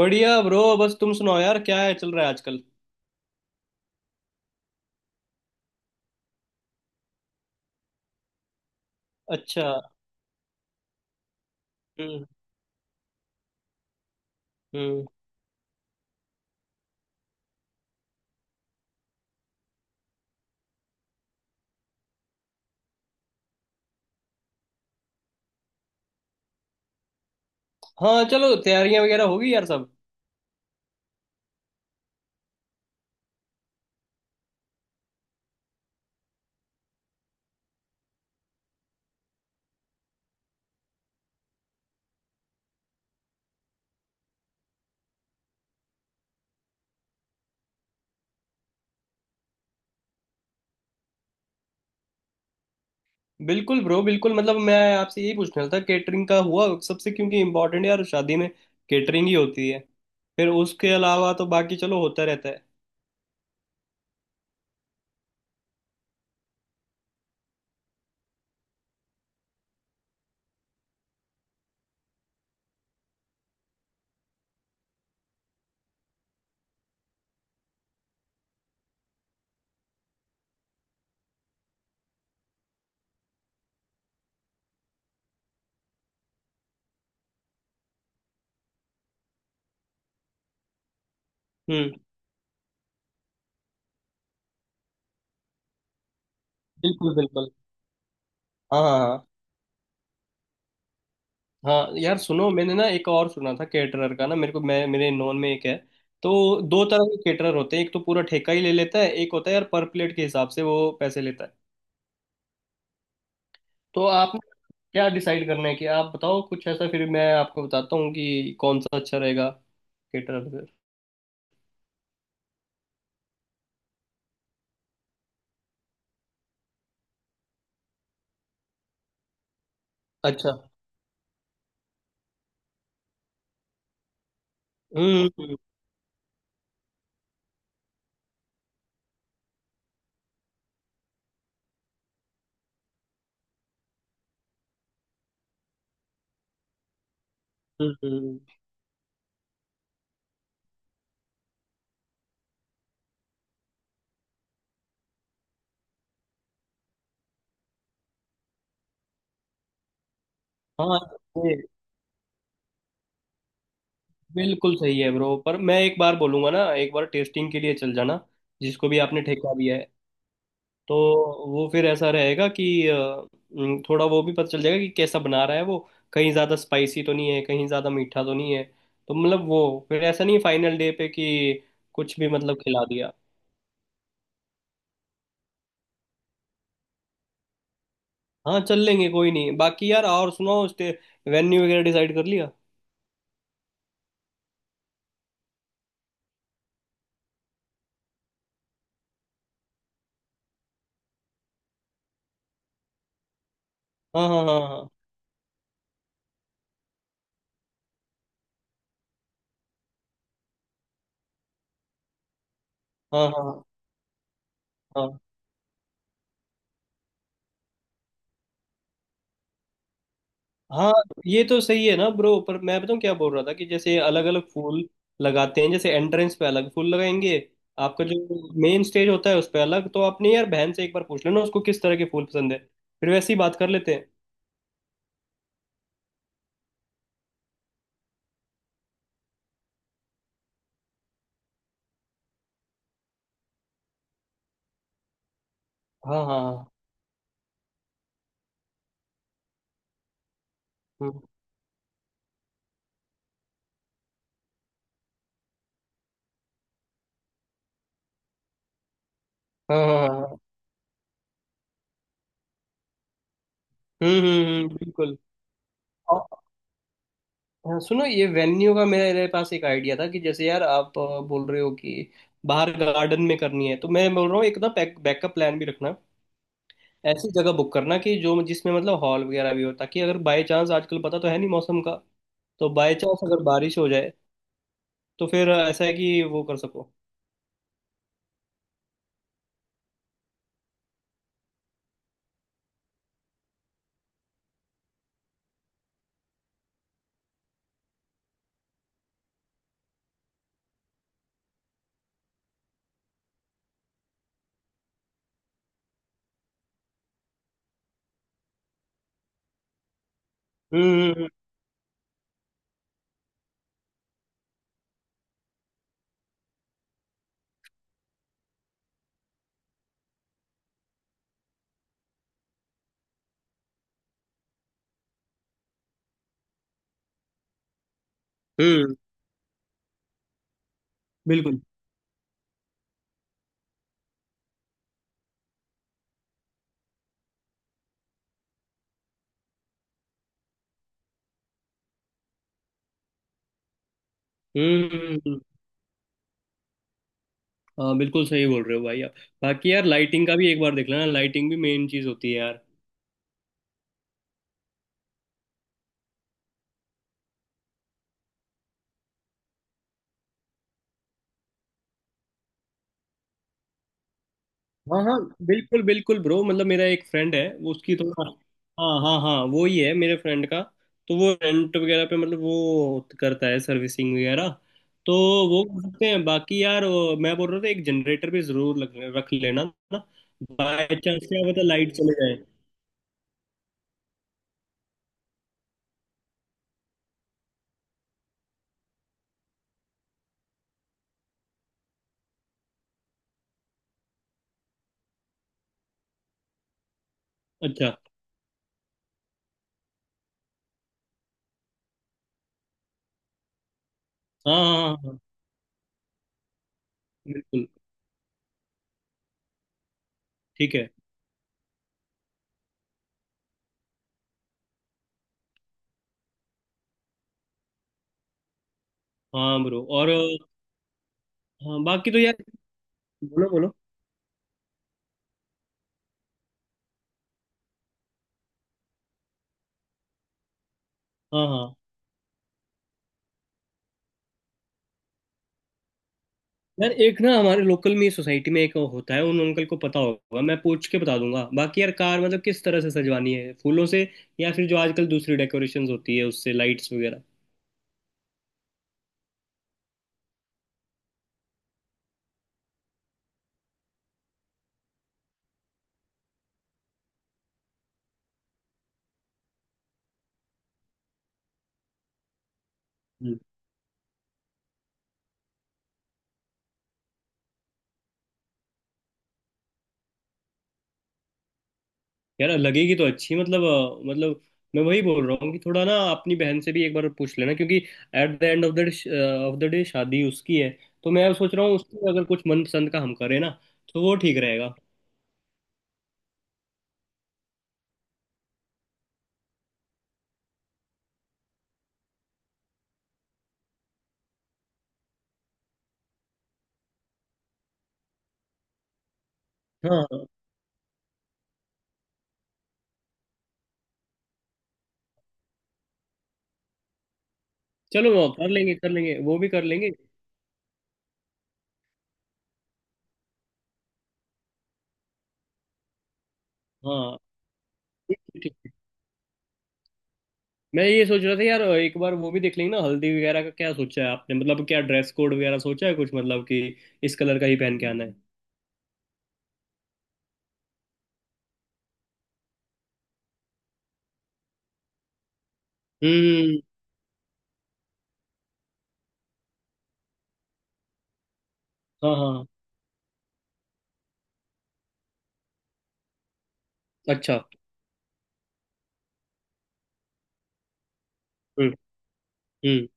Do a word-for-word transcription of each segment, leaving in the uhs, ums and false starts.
बढ़िया ब्रो। बस तुम सुनाओ यार, क्या है, चल रहा है आजकल? अच्छा। हम्म। हम्म। हाँ चलो, तैयारियां वगैरह होगी यार सब। बिल्कुल ब्रो बिल्कुल, मतलब मैं आपसे यही पूछना था केटरिंग का हुआ सबसे, क्योंकि इम्पोर्टेंट यार शादी में केटरिंग ही होती है। फिर उसके अलावा तो बाकी चलो होता रहता है। हम्म। बिल्कुल बिल्कुल। हाँ हाँ हाँ। हाँ यार सुनो, मैंने ना एक और सुना था केटरर का ना मेरे को, मैं मेरे नॉन में एक है। तो दो तरह के केटरर होते हैं, एक तो पूरा ठेका ही ले लेता है, एक होता है यार पर प्लेट के हिसाब से वो पैसे लेता है। तो आप क्या डिसाइड करना है कि आप बताओ कुछ ऐसा, फिर मैं आपको बताता हूँ कि कौन सा अच्छा रहेगा केटर फिर। अच्छा। हम्म हम्म हम्म, हाँ ये बिल्कुल सही है ब्रो, पर मैं एक बार बोलूंगा ना, एक बार टेस्टिंग के लिए चल जाना जिसको भी आपने ठेका दिया है। तो वो फिर ऐसा रहेगा कि अ, हम्म, थोड़ा वो भी पता चल जाएगा कि कैसा बना रहा है वो, कहीं ज़्यादा स्पाइसी तो नहीं है, कहीं ज़्यादा मीठा तो नहीं है। तो मतलब वो फिर ऐसा नहीं फाइनल डे पे कि कुछ भी मतलब खिला दिया। हाँ चल लेंगे, कोई नहीं। बाकी यार और सुनाओ, स्टे वेन्यू वगैरह डिसाइड कर लिया? हाँ हाँ हाँ। हाँ हाँ हाँ हाँ हाँ। ये तो सही है ना ब्रो, पर मैं बताऊँ क्या बोल रहा था कि जैसे अलग अलग फूल लगाते हैं, जैसे एंट्रेंस पे अलग फूल लगाएंगे, आपका जो मेन स्टेज होता है उस पे अलग। तो आपने यार बहन से एक बार पूछ लेना उसको किस तरह के फूल पसंद है, फिर वैसे ही बात कर लेते हैं। हाँ हाँ हाँ। हम्म। हाँ हाँ हाँ हाँ। हम्म हम्म हम्म, बिल्कुल। हाँ सुनो, ये वेन्यू का मेरे पास एक आइडिया था कि जैसे यार आप अ, बोल रहे हो कि बाहर गार्डन में करनी है, तो मैं बोल रहा हूँ एक ना बैक बैकअप प्लान भी रखना। ऐसी जगह बुक करना कि जो जिसमें मतलब हॉल वगैरह भी हो, ताकि अगर बाय चांस, आजकल पता तो है नहीं मौसम का, तो बाय चांस अगर बारिश हो जाए तो फिर ऐसा है कि वो कर सको। हम्म हम्म हम्म, बिल्कुल। हम्म हम्म, हम्म। हाँ बिल्कुल सही बोल रहे हो भाई आप। बाकी यार लाइटिंग का भी एक बार देख लेना, लाइटिंग भी मेन चीज़ होती है यार। हाँ हाँ बिल्कुल बिल्कुल ब्रो, मतलब मेरा एक फ्रेंड है वो उसकी थोड़ा। हाँ हाँ हाँ वो ही है मेरे फ्रेंड का। तो वो रेंट वगैरह पे मतलब वो करता है सर्विसिंग वगैरह। तो वो कर सकते हैं। बाकी यार, वो- मैं बोल रहा था एक जनरेटर भी जरूर लग, रख लेना ना। बाय चांस क्या पता लाइट चले जाए। अच्छा। हाँ हाँ हाँ हाँ, बिल्कुल। ठीक है। हाँ ब्रो। और हाँ, बाकी तो यार बोलो बोलो। हाँ हाँ, यार एक ना हमारे लोकल में सोसाइटी में एक होता है, उन अंकल को पता होगा, मैं पूछ के बता दूंगा। बाकी यार कार मतलब किस तरह से सजवानी है, फूलों से या फिर जो आजकल दूसरी डेकोरेशंस होती है उससे, लाइट्स वगैरह? हम्म। यार लगेगी तो अच्छी, मतलब अ, मतलब मैं वही बोल रहा हूँ कि थोड़ा ना अपनी बहन से भी एक बार पूछ लेना क्योंकि at the end of the of the day शादी उसकी है। तो मैं सोच रहा हूँ उसकी अगर कुछ मनपसंद का हम करें ना, तो वो ठीक रहेगा। हाँ चलो वो कर लेंगे, कर लेंगे, वो भी कर लेंगे। हाँ ठीक। मैं ये सोच रहा था यार, एक बार वो भी देख लेंगे ना हल्दी वगैरह का क्या सोचा है आपने, मतलब क्या ड्रेस कोड वगैरह सोचा है कुछ, मतलब कि इस कलर का ही पहन के आना है। हम्म। हाँ हाँ। अच्छा। हम्म। हम्म।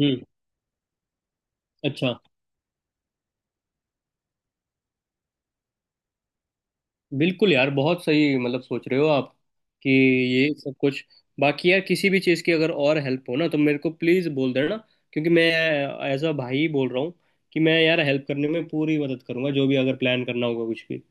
हम्म। अच्छा। बिल्कुल यार, बहुत सही मतलब सोच रहे हो आप कि ये सब कुछ। बाकी यार किसी भी चीज़ की अगर और हेल्प हो ना, तो मेरे को प्लीज़ बोल देना, क्योंकि मैं एज अ भाई बोल रहा हूँ कि मैं यार हेल्प करने में पूरी मदद करूंगा, जो भी अगर प्लान करना होगा कुछ भी।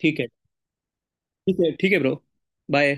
ठीक है। ठीक है ठीक है ब्रो। बाय।